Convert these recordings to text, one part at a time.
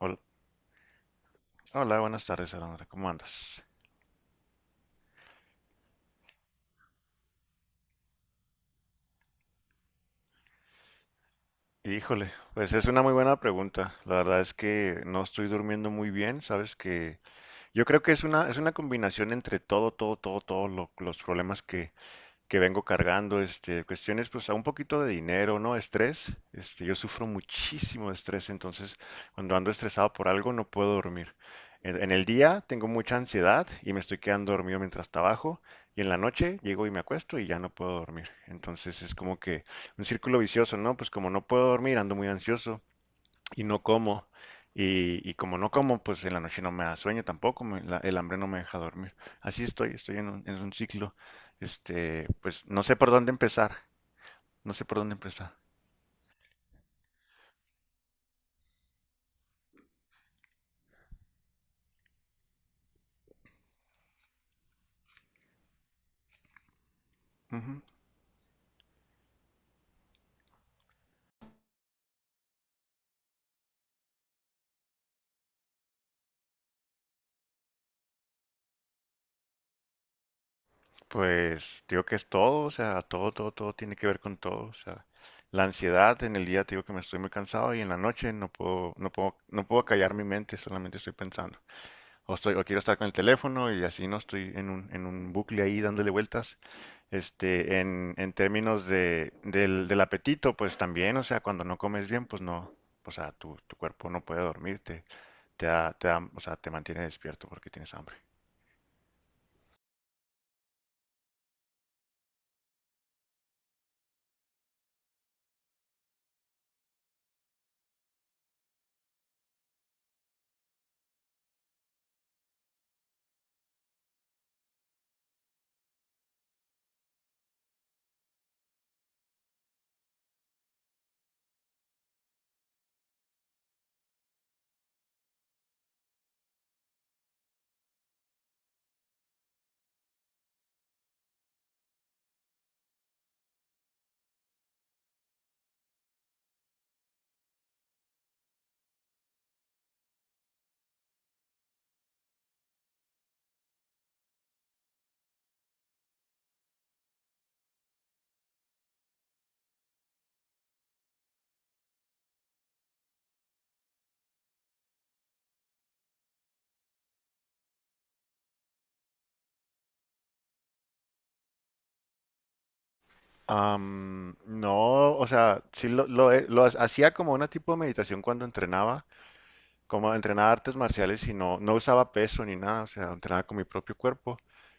Hol- Hola, buenas tardes, Alondra. ¿Cómo andas? Híjole, pues es una muy buena pregunta. La verdad es que no estoy durmiendo muy bien, sabes que yo creo que es una combinación entre todos los problemas que vengo cargando, cuestiones, pues, a un poquito de dinero, ¿no? Estrés, yo sufro muchísimo de estrés. Entonces, cuando ando estresado por algo, no puedo dormir. En el día tengo mucha ansiedad y me estoy quedando dormido mientras trabajo, y en la noche llego y me acuesto y ya no puedo dormir. Entonces, es como que un círculo vicioso, ¿no? Pues, como no puedo dormir, ando muy ansioso, y no como. Y como no como, pues en la noche no me da sueño tampoco, el hambre no me deja dormir. Así estoy en un ciclo. Pues no sé por dónde empezar, no sé por dónde empezar. Ujú. Pues digo que es todo, o sea, todo tiene que ver con todo. O sea, la ansiedad en el día te digo que me estoy muy cansado y en la noche no puedo callar mi mente, solamente estoy pensando. O quiero estar con el teléfono y así no estoy en un bucle ahí dándole vueltas. En términos del apetito, pues también, o sea, cuando no comes bien, pues no, o sea, tu cuerpo no puede dormirte, o sea, te mantiene despierto porque tienes hambre. No, o sea, sí lo, he- lo ha- hacía como una tipo de meditación cuando entrenaba, como entrenaba artes marciales y no usaba peso ni nada, o sea, entrenaba con mi propio cuerpo.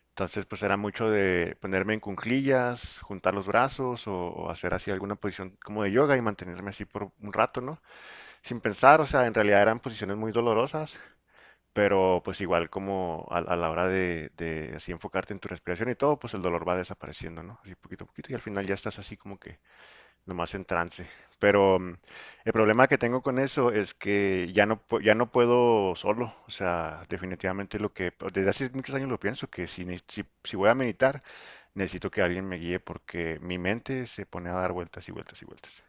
Entonces, pues era mucho de ponerme en cuclillas, juntar los brazos o hacer así alguna posición como de yoga y mantenerme así por un rato, ¿no? Sin pensar, o sea, en realidad eran posiciones muy dolorosas, pero pues igual como a la hora de así enfocarte en tu respiración y todo, pues el dolor va desapareciendo, ¿no? Así poquito a poquito y al final ya estás así como que nomás en trance. Pero el problema que tengo con eso es que ya no, ya no puedo solo. O sea, definitivamente lo que, pues, desde hace muchos años lo pienso, que si voy a meditar, necesito que alguien me guíe porque mi mente se pone a dar vueltas y vueltas y vueltas.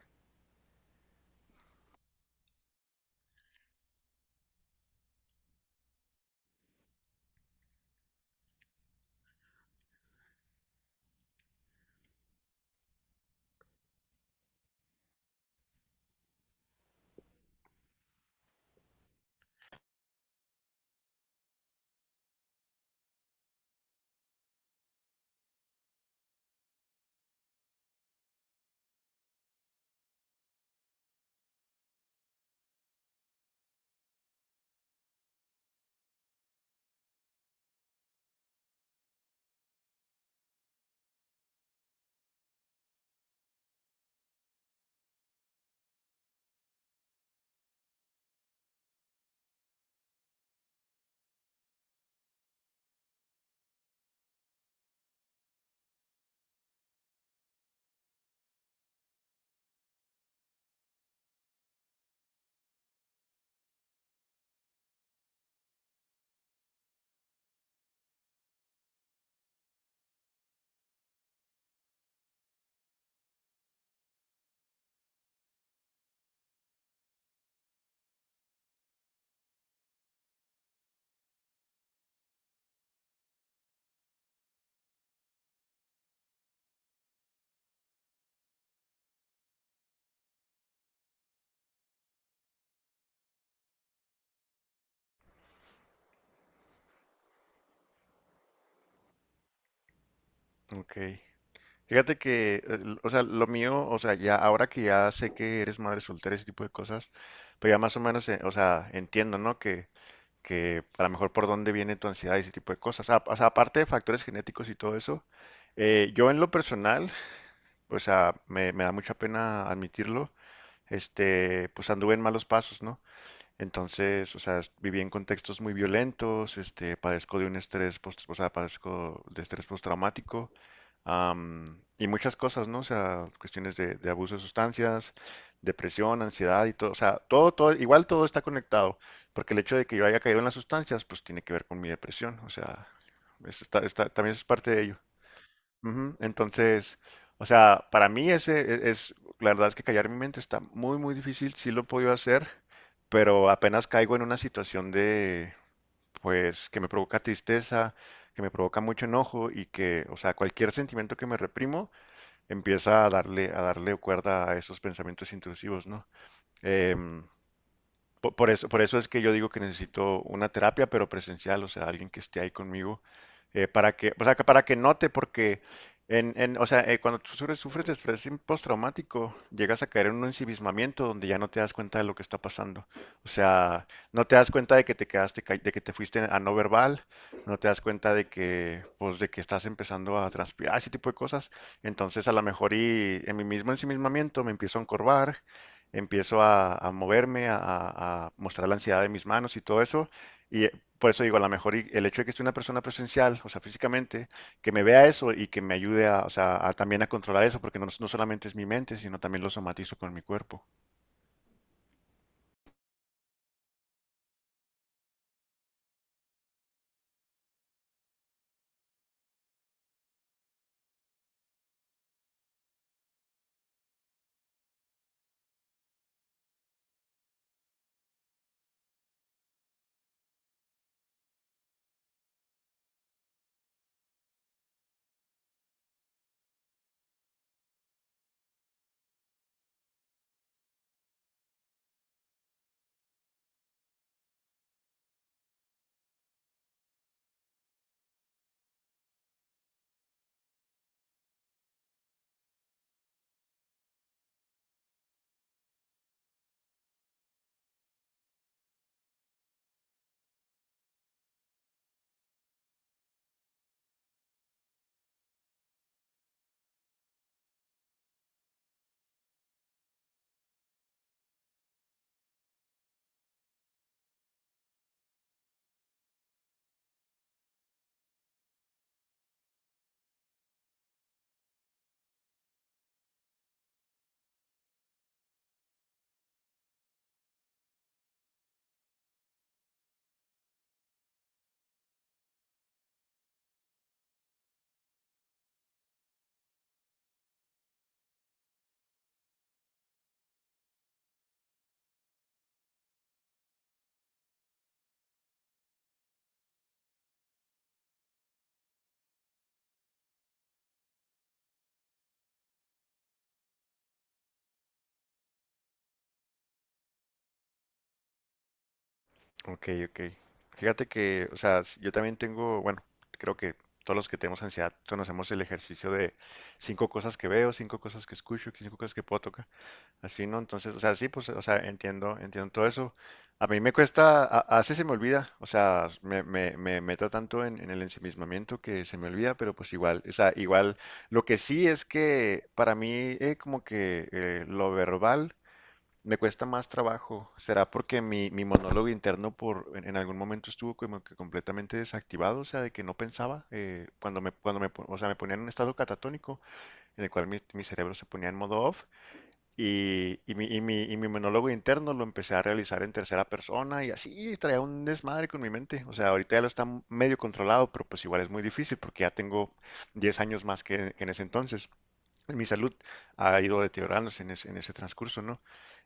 Ok. Fíjate que, o sea, lo mío, o sea, ya ahora que ya sé que eres madre soltera, ese tipo de cosas, pues ya más o menos, o sea, entiendo, ¿no? Que a lo mejor por dónde viene tu ansiedad y ese tipo de cosas. O sea, aparte de factores genéticos y todo eso, yo en lo personal, o sea, me da mucha pena admitirlo, pues anduve en malos pasos, ¿no? Entonces, o sea, viví en contextos muy violentos. Este, padezco de un estrés, post, o sea, padezco de estrés postraumático, am, y muchas cosas, ¿no? O sea, cuestiones de abuso de sustancias, depresión, ansiedad y todo. O sea, todo, igual todo está conectado, porque el hecho de que yo haya caído en las sustancias, pues tiene que ver con mi depresión. O sea, también es parte de ello. Ujú, entonces, o sea, para mí ese es, la verdad es que callar mi mente está muy, muy difícil. Sí lo he podido hacer, pero apenas caigo en una situación de, pues, que me provoca tristeza, que me provoca mucho enojo y que, o sea, cualquier sentimiento que me reprimo empieza a darle cuerda a esos pensamientos intrusivos, ¿no? Em, por eso es que yo digo que necesito una terapia, pero presencial. O sea, alguien que esté ahí conmigo, para que, o sea, para que note, porque o sea, cuando tú sufres, sufres de estrés postraumático, llegas a caer en un ensimismamiento donde ya no te das cuenta de lo que está pasando. O sea, no te das cuenta de que te quedaste, de que te fuiste a no verbal, no te das cuenta de que, pues, de que estás empezando a transpirar, ese tipo de cosas. Entonces, a lo mejor y en mi mismo ensimismamiento me empiezo a encorvar, empiezo a, moverme, mostrar la ansiedad de mis manos y todo eso. Y por eso digo, a lo mejor el hecho de que esté una persona presencial, o sea, físicamente, que me vea eso y que me ayude a, o sea, a también a controlar eso, porque no, no solamente es mi mente, sino también lo somatizo con mi cuerpo. Ok, ok. Fíjate que, o sea, yo también tengo, bueno, creo que todos los que tenemos ansiedad conocemos el ejercicio de cinco cosas que veo, cinco cosas que escucho, cinco cosas que puedo tocar. Así, ¿no? Entonces, o sea, sí, pues, o sea, entiendo, entiendo todo eso. A mí me cuesta, a veces se me olvida, o sea, me meto tanto en el ensimismamiento que se me olvida, pero pues igual, o sea, igual, lo que sí es que para mí como que lo verbal me cuesta más trabajo. ¿Será porque mi monólogo interno en algún momento estuvo como que completamente desactivado, o sea, de que no pensaba, o sea, me ponía en un estado catatónico, en el cual mi cerebro se ponía en modo off? Y mi monólogo interno lo empecé a realizar en tercera persona y así traía un desmadre con mi mente. O sea, ahorita ya lo está medio controlado, pero pues igual es muy difícil porque ya tengo 10 años más que en ese entonces mi salud ha ido deteriorándose en ese transcurso, ¿no?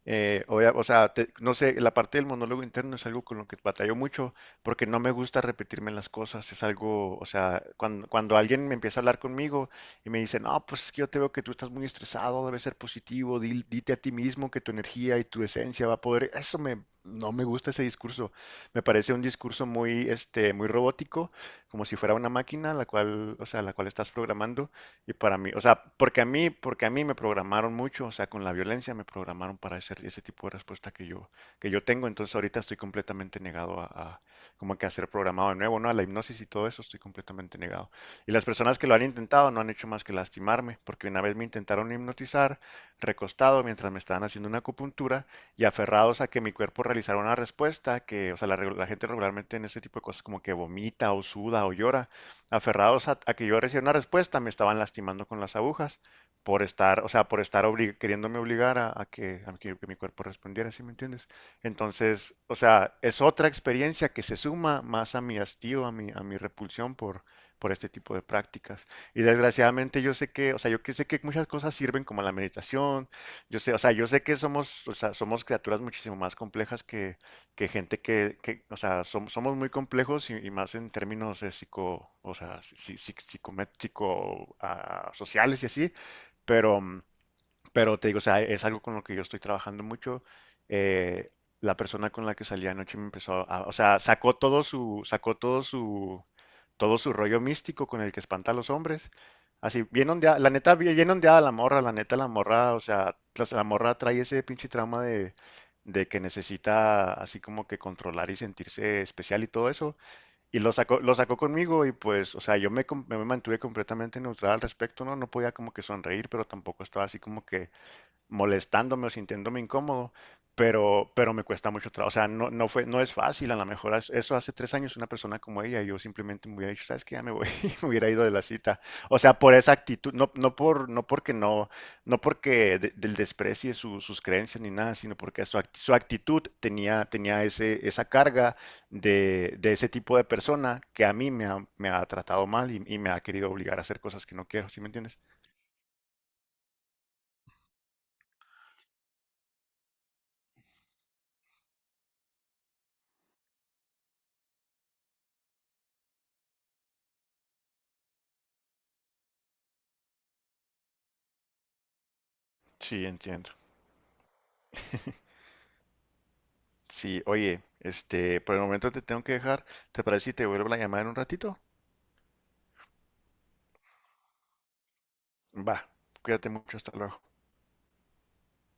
O sea, no sé, la parte del monólogo interno es algo con lo que batallo mucho porque no me gusta repetirme las cosas. Es algo, o sea, cuando, cuando alguien me empieza a hablar conmigo y me dice, no, pues es que yo te veo que tú estás muy estresado, debes ser positivo, dite a ti mismo que tu energía y tu esencia va a poder, eso me, no me gusta ese discurso, me parece un discurso muy, muy robótico, como si fuera una máquina, la cual, o sea, la cual estás programando. Y para mí, o sea, porque a mí me programaron mucho, o sea, con la violencia me programaron para ese tipo de respuesta que yo tengo. Entonces ahorita estoy completamente negado a como que a ser programado de nuevo, ¿no? A la hipnosis y todo eso estoy completamente negado. Y las personas que lo han intentado no han hecho más que lastimarme, porque una vez me intentaron hipnotizar, recostado, mientras me estaban haciendo una acupuntura, y aferrados a que mi cuerpo realizara una respuesta que, o sea, la gente regularmente en ese tipo de cosas como que vomita o suda o llora, aferrados a que yo recibiera una respuesta, me estaban lastimando con las agujas por estar, o sea, queriéndome obligar a que mi cuerpo respondiera, ¿sí me entiendes? Entonces, o sea, es otra experiencia que se suma más a mi hastío, a mi repulsión por este tipo de prácticas. Y desgraciadamente yo sé que, o sea, yo que sé que muchas cosas sirven como la meditación, yo sé, o sea, yo sé que somos, o sea, somos criaturas muchísimo más complejas que gente o sea, somos muy complejos y más en términos de psico, o sea, psicométrico, sociales y así, pero pero te digo, o sea, es algo con lo que yo estoy trabajando mucho. Eh, la persona con la que salí anoche o sea, sacó todo su rollo místico con el que espanta a los hombres. Así, bien ondeada, la neta, bien bien ondeada la morra, la neta, la morra, o sea, la morra trae ese pinche trauma de que necesita así como que controlar y sentirse especial y todo eso. Y lo sacó conmigo y pues, o sea, yo me mantuve completamente neutral al respecto, ¿no? No podía como que sonreír, pero tampoco estaba así como que molestándome o sintiéndome incómodo, pero me cuesta mucho trabajo. O sea, no, no es fácil. A lo mejor eso hace 3 años una persona como ella, yo simplemente me hubiera dicho, ¿sabes qué? Ya me voy, y me hubiera ido de la cita. O sea, por esa actitud, no, no por, no porque no, no porque del desprecie sus creencias ni nada, sino porque su actitud tenía ese, esa carga de ese tipo de persona que a mí me ha tratado mal y me ha querido obligar a hacer cosas que no quiero, ¿sí me entiendes? Sí, entiendo. Sí, oye, por el momento te tengo que dejar. ¿Te parece si te vuelvo la llamada en un ratito? Va, cuídate mucho, hasta luego.